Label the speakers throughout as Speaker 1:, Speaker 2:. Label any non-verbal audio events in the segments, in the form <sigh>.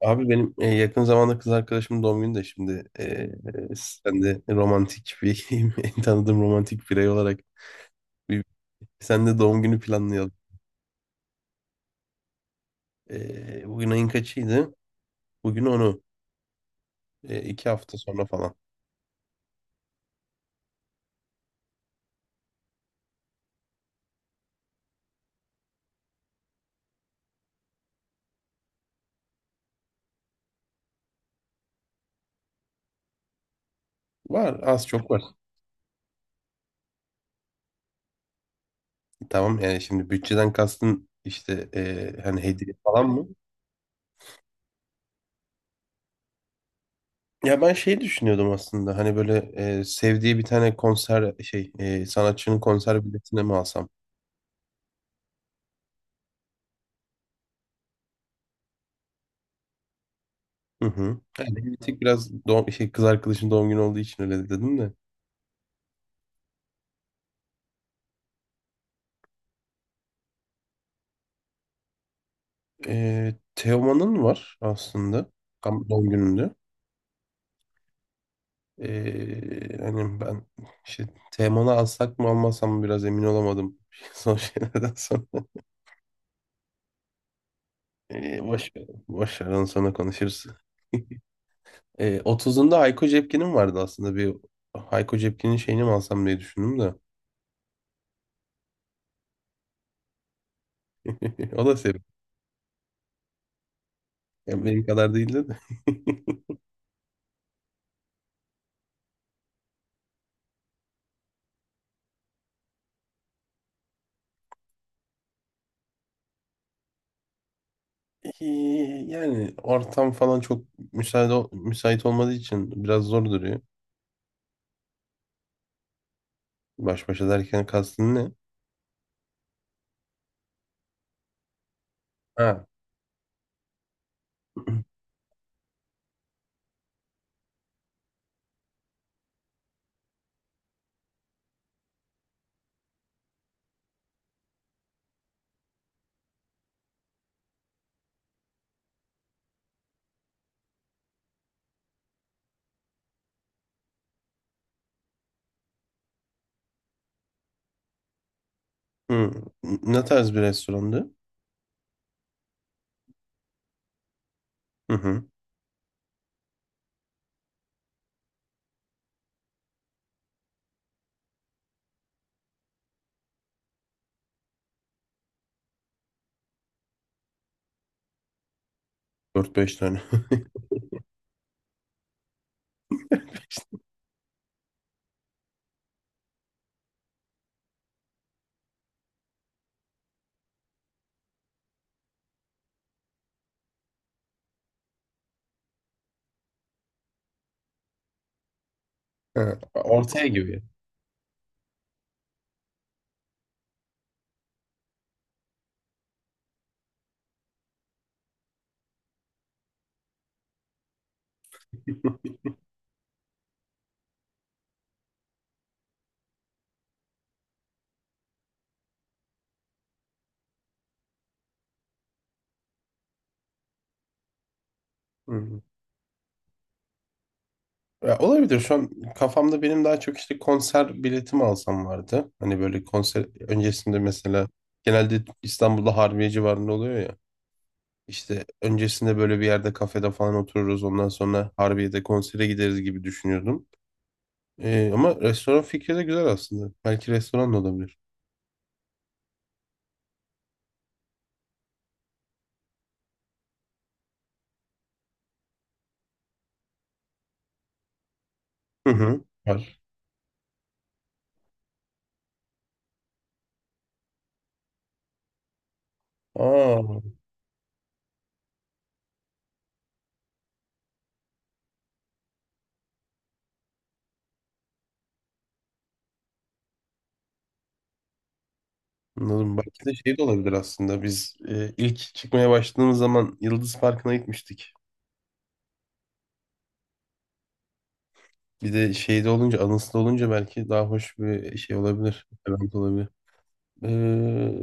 Speaker 1: Abi benim yakın zamanda kız arkadaşımın doğum günü de şimdi sen de romantik bir <laughs> en tanıdığım romantik birey olarak bir, sen de doğum günü planlayalım. Bugün ayın kaçıydı? Bugün onu iki hafta sonra falan. Var, az çok var. Tamam, yani şimdi bütçeden kastın işte hani hediye falan mı? Ya ben şey düşünüyordum aslında hani böyle sevdiği bir tane konser şey sanatçının konser biletine mi alsam? Hı hı. Yani bir tek biraz doğum, şey, kız arkadaşın doğum günü olduğu için öyle dedim de. Teoman'ın var aslında. Tam doğum gününde. Hani ben işte Teoman'ı alsak mı almasam mı biraz emin olamadım. <laughs> Son şeylerden sonra. Boş ver, onu sonra konuşuruz. <laughs> 30'unda Hayko Cepkin'in vardı aslında. Hayko Cepkin'in şeyini mi alsam diye düşündüm de. <laughs> O da sev. Yani benim kadar değildi de. <laughs> Ee, Yani ortam falan çok müsait olmadığı için biraz zor duruyor. Baş başa derken kastın ne? Ha. <clears throat> Hı. Ne tarz bir restorandı? Hı hı. 4-5 tane. <laughs> Ha, ortaya gibi. Hı. Ya olabilir. Şu an kafamda benim daha çok işte konser biletimi alsam vardı. Hani böyle konser öncesinde mesela genelde İstanbul'da Harbiye civarında oluyor. İşte öncesinde böyle bir yerde kafede falan otururuz. Ondan sonra Harbiye'de konsere gideriz gibi düşünüyordum. Ama restoran fikri de güzel aslında. Belki restoran da olabilir. Hı hı. Var. Aa, anladım. Belki de şey de olabilir aslında. Biz ilk çıkmaya başladığımız zaman Yıldız Parkı'na gitmiştik. Bir de şeyde olunca, anısında olunca belki daha hoş bir şey olabilir. Event olabilir. Ee,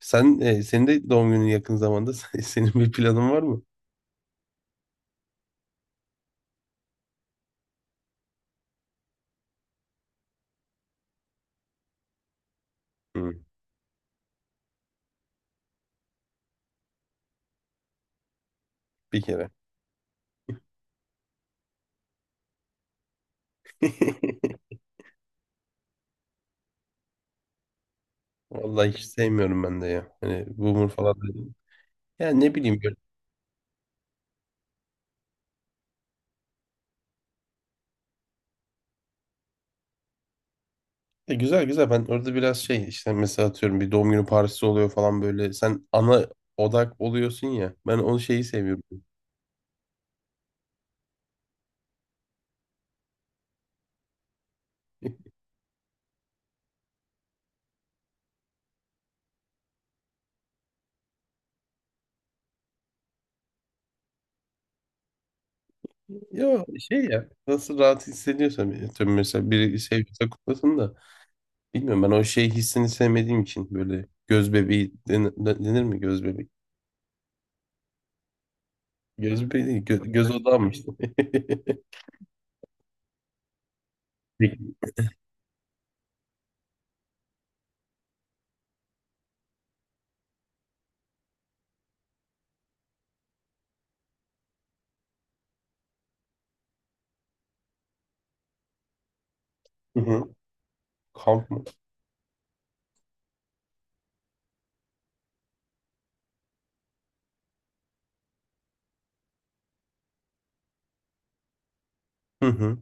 Speaker 1: Senin de doğum günün yakın zamanda. <laughs> Senin bir planın var mı? Hı, bir kere. <laughs> Vallahi hiç sevmiyorum ben de ya. Hani boomer falan da. Ya ne bileyim böyle. Güzel güzel ben orada biraz şey işte mesela atıyorum bir doğum günü partisi oluyor falan böyle. Sen ana odak oluyorsun ya. Ben onu şeyi seviyorum. <laughs> Ya şey ya nasıl rahat hissediyorsam atıyorum mesela biri seviyorsa kutlasın da. Bilmiyorum ben o şey hissini sevmediğim için böyle göz bebeği denir, denir mi göz bebeği? Göz bebeği değil, göz odağı mı işte? <laughs> Hı hı. Kamp mı? Hı hı.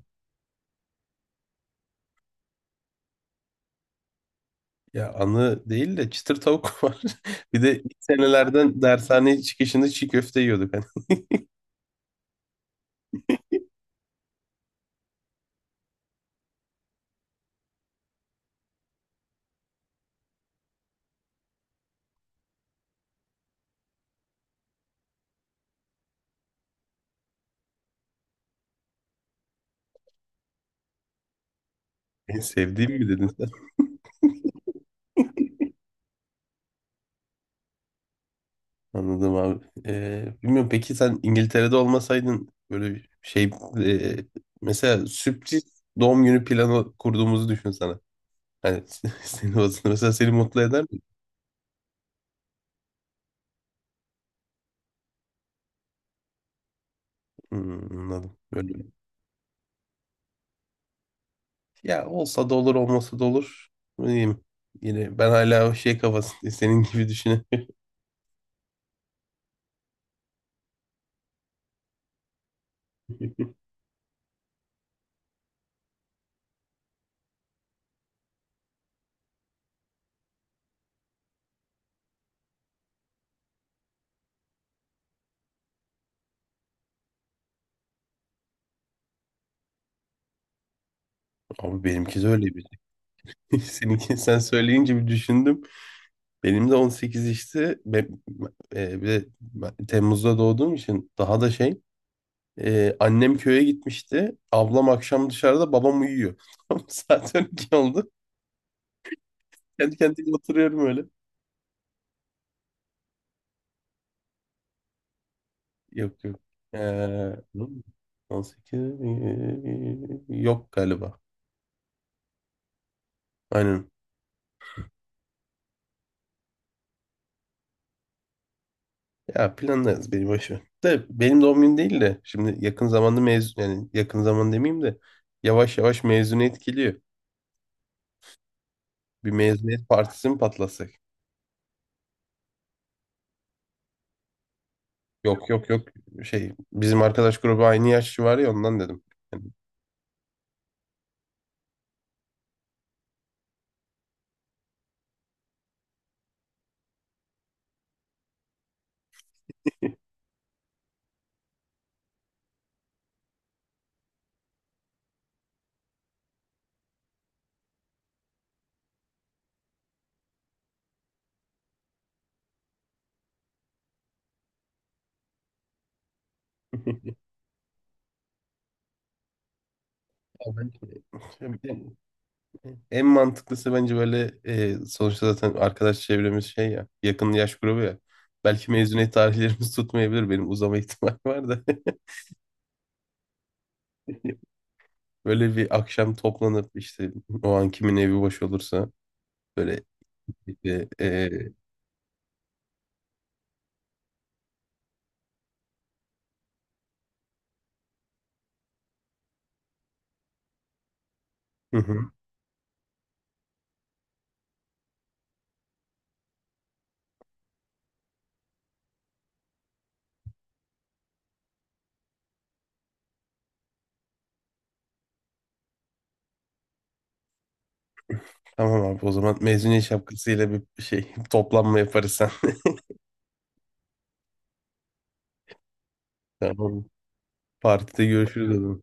Speaker 1: Ya anı değil de çıtır tavuk <laughs> var. Bir de ilk senelerden dershane çıkışında çiğ köfte yiyorduk. Hani <laughs> en sevdiğim mi dedin sen? Anladım abi. Bilmiyorum peki sen İngiltere'de olmasaydın böyle bir şey e, mesela sürpriz doğum günü planı kurduğumuzu düşün sana. Hani <laughs> seni mesela seni mutlu eder mi? Hmm, anladım. Böyle. Ya olsa da olur olmasa da olur. Ne diyeyim? Yine ben hala o şey kafasındayım. Senin gibi düşünüyorum. <laughs> Abi benimki de öyle. <laughs> Seninki sen söyleyince bir düşündüm. Benim de 18 işte. Bir de ben Temmuz'da doğduğum için daha da şey. Annem köye gitmişti. Ablam akşam dışarıda, babam uyuyor. <laughs> Tamam, saat 12 oldu. Kendi kendime oturuyorum öyle. Yok yok. E, on sekiz 18 yok galiba. Aynen. Ya planlarız, beni boş ver. De benim doğum günüm değil de şimdi yakın zamanda mezun, yani yakın zaman demeyeyim de yavaş yavaş mezuniyet geliyor. Bir mezuniyet partisi mi patlasak? Yok yok yok, şey, bizim arkadaş grubu aynı yaşlı var ya, ondan dedim. Yani, <laughs> ya bence- en mantıklısı bence böyle sonuçta zaten arkadaş çevremiz şey ya, yakın yaş grubu ya. Belki mezuniyet tarihlerimiz <laughs> tutmayabilir, benim uzama ihtimali var da. <laughs> Böyle bir akşam toplanıp işte o an kimin evi boş olursa böyle işte, hı hı. Tamam abi, o zaman mezuniyet şapkasıyla bir şey <laughs> toplanma yaparız sen. <laughs> Tamam. Partide görüşürüz o zaman.